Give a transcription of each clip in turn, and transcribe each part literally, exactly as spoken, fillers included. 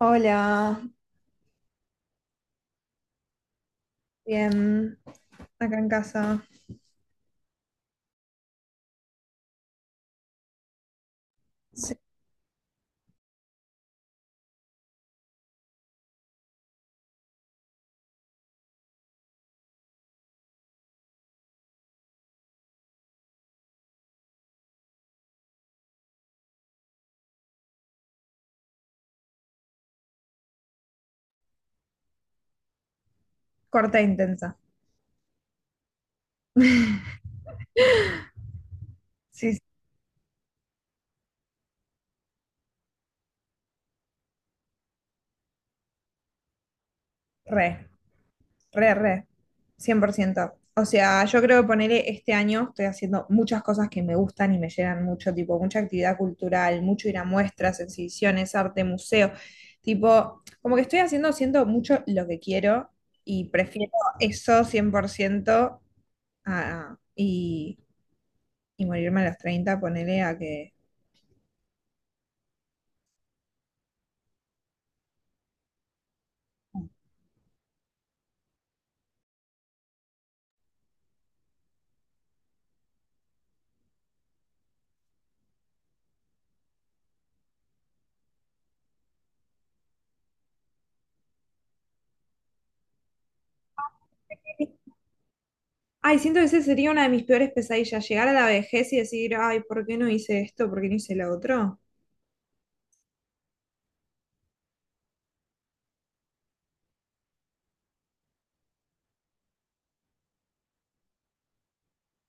Hola, bien, acá en casa. Sí, corta e intensa. Sí, sí, re, re, re, cien por ciento. O sea, yo creo que ponerle este año estoy haciendo muchas cosas que me gustan y me llenan mucho, tipo mucha actividad cultural, mucho ir a muestras, exhibiciones, arte, museo. Tipo, como que estoy haciendo, siento mucho lo que quiero y prefiero eso cien por ciento a, y, y morirme a los treinta ponerle a que. Ay, siento que ese sería una de mis peores pesadillas, llegar a la vejez y decir, ay, ¿por qué no hice esto? ¿Por qué no hice lo otro?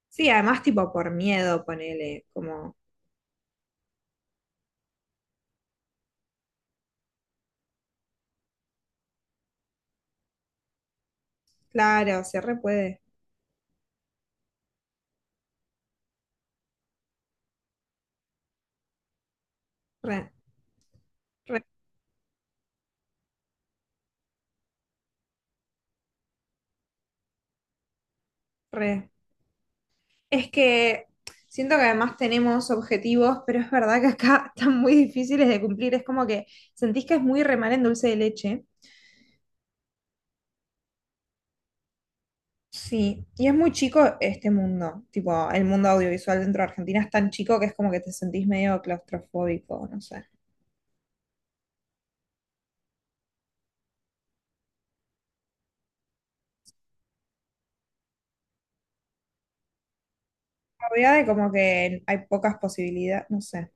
Sí, además tipo por miedo, ponele, como, claro, se re puede, re, re, re. Es que siento que además tenemos objetivos, pero es verdad que acá están muy difíciles de cumplir, es como que sentís que es muy remar en dulce de leche. Sí, y es muy chico este mundo, tipo, el mundo audiovisual dentro de Argentina es tan chico que es como que te sentís medio claustrofóbico, no sé. Había de como que hay pocas posibilidades, no sé.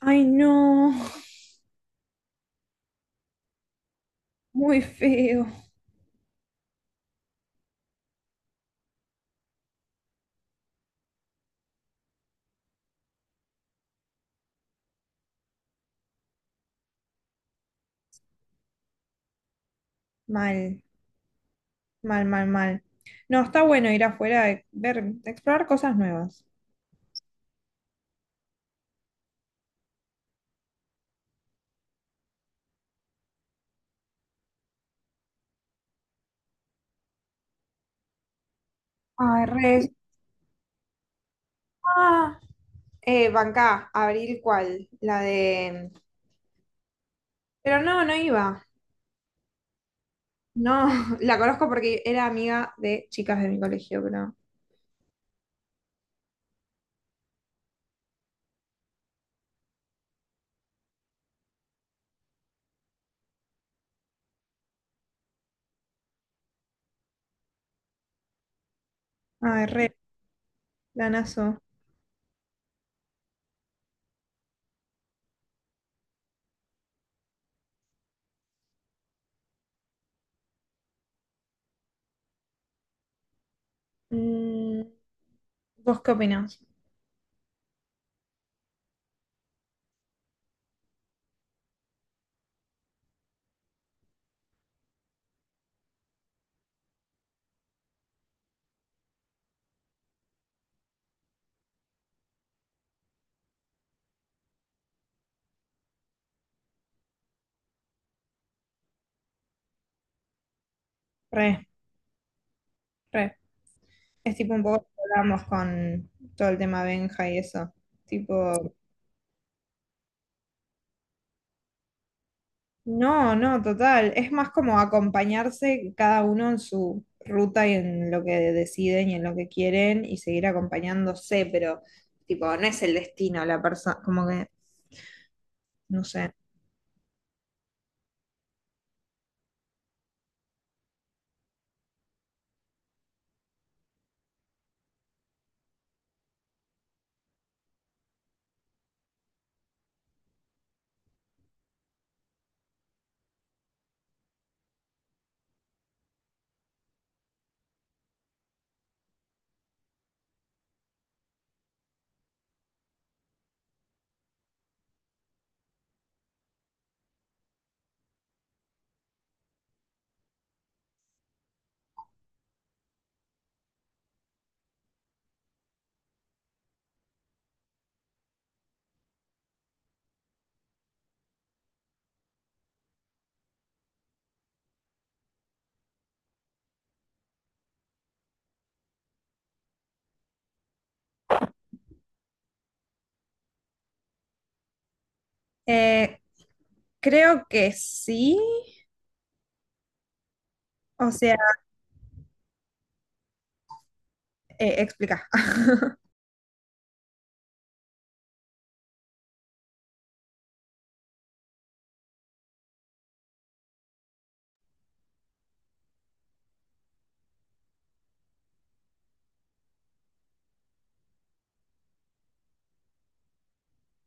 Ay, no, muy feo. Mal, mal, mal, mal. No, está bueno ir afuera, eh, ver, explorar cosas nuevas. Ay, re. Ah, eh, bancá, Abril, ¿cuál? La de... Pero no, no iba. No, la conozco porque era amiga de chicas de mi colegio, pero... Ay, re, lanazo. Mm, ¿vos qué opinás? Re, re. Es tipo un poco lo que hablábamos con todo el tema Benja y eso. Tipo, no, no, total. Es más como acompañarse cada uno en su ruta y en lo que deciden y en lo que quieren y seguir acompañándose, pero tipo, no es el destino la persona, como que, no sé. Eh, Creo que sí. O sea, eh, explica.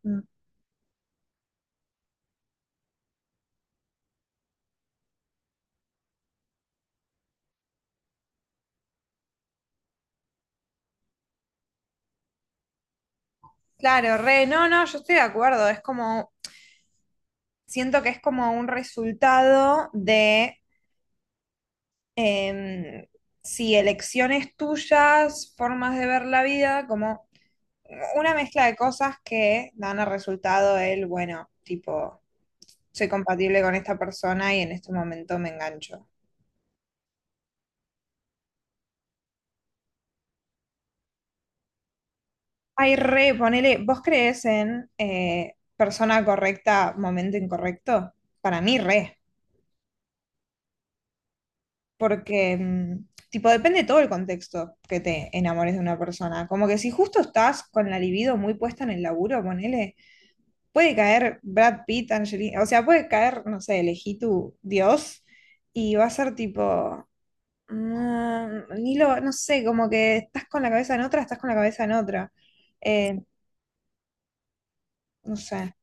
Mm. Claro, re, no, no, yo estoy de acuerdo. Es como, siento que es como un resultado de em, sí, elecciones tuyas, formas de ver la vida, como una mezcla de cosas que dan al resultado el, bueno, tipo, soy compatible con esta persona y en este momento me engancho. Ay, re, ponele, ¿vos crees en eh, persona correcta, momento incorrecto? Para mí, re, porque, mm, tipo, depende todo el contexto que te enamores de una persona. Como que si justo estás con la libido muy puesta en el laburo, ponele. Puede caer Brad Pitt, Angelina, o sea, puede caer, no sé, elegí tu Dios y va a ser tipo, mm, ni lo, no sé, como que estás con la cabeza en otra, estás con la cabeza en otra. Eh, no sé.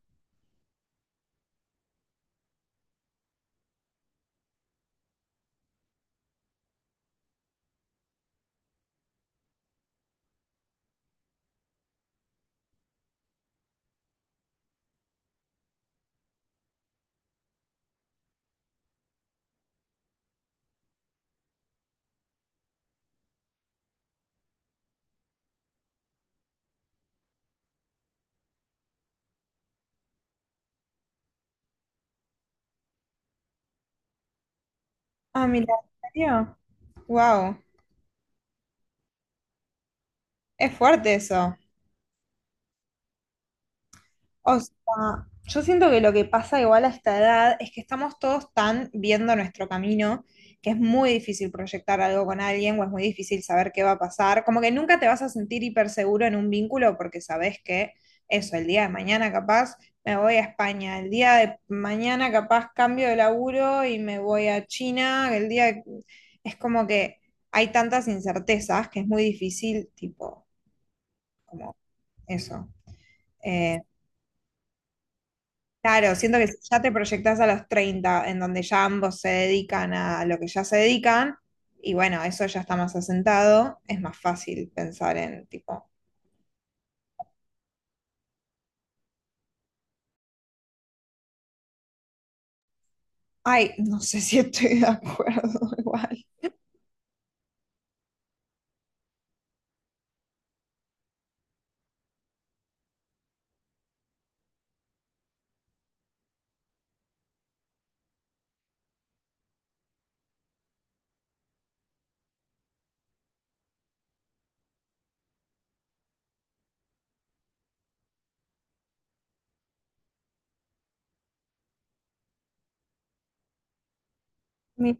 Ah, mira, ¿en serio? Wow, es fuerte eso. O sea, yo siento que lo que pasa igual a esta edad es que estamos todos tan viendo nuestro camino que es muy difícil proyectar algo con alguien o es muy difícil saber qué va a pasar. Como que nunca te vas a sentir hiper seguro en un vínculo porque sabes que eso, el día de mañana capaz me voy a España, el día de mañana capaz cambio de laburo y me voy a China, el día de- es como que hay tantas incertezas que es muy difícil, tipo, como eso. Eh, Claro, siento que si ya te proyectás a los treinta, en donde ya ambos se dedican a lo que ya se dedican, y bueno, eso ya está más asentado, es más fácil pensar en tipo, ay, no sé si estoy de acuerdo igual. Mi-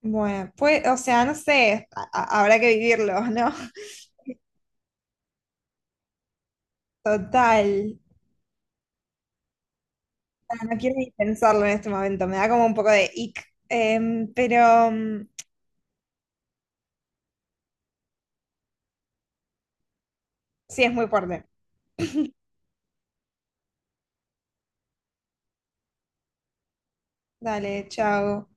Bueno, pues, o sea, no sé, a- a- habrá que vivirlo, ¿no? Total. No no quiero ni pensarlo en este momento, me da como un poco de ick, Em, pero mm, sí es muy fuerte. Dale, chao.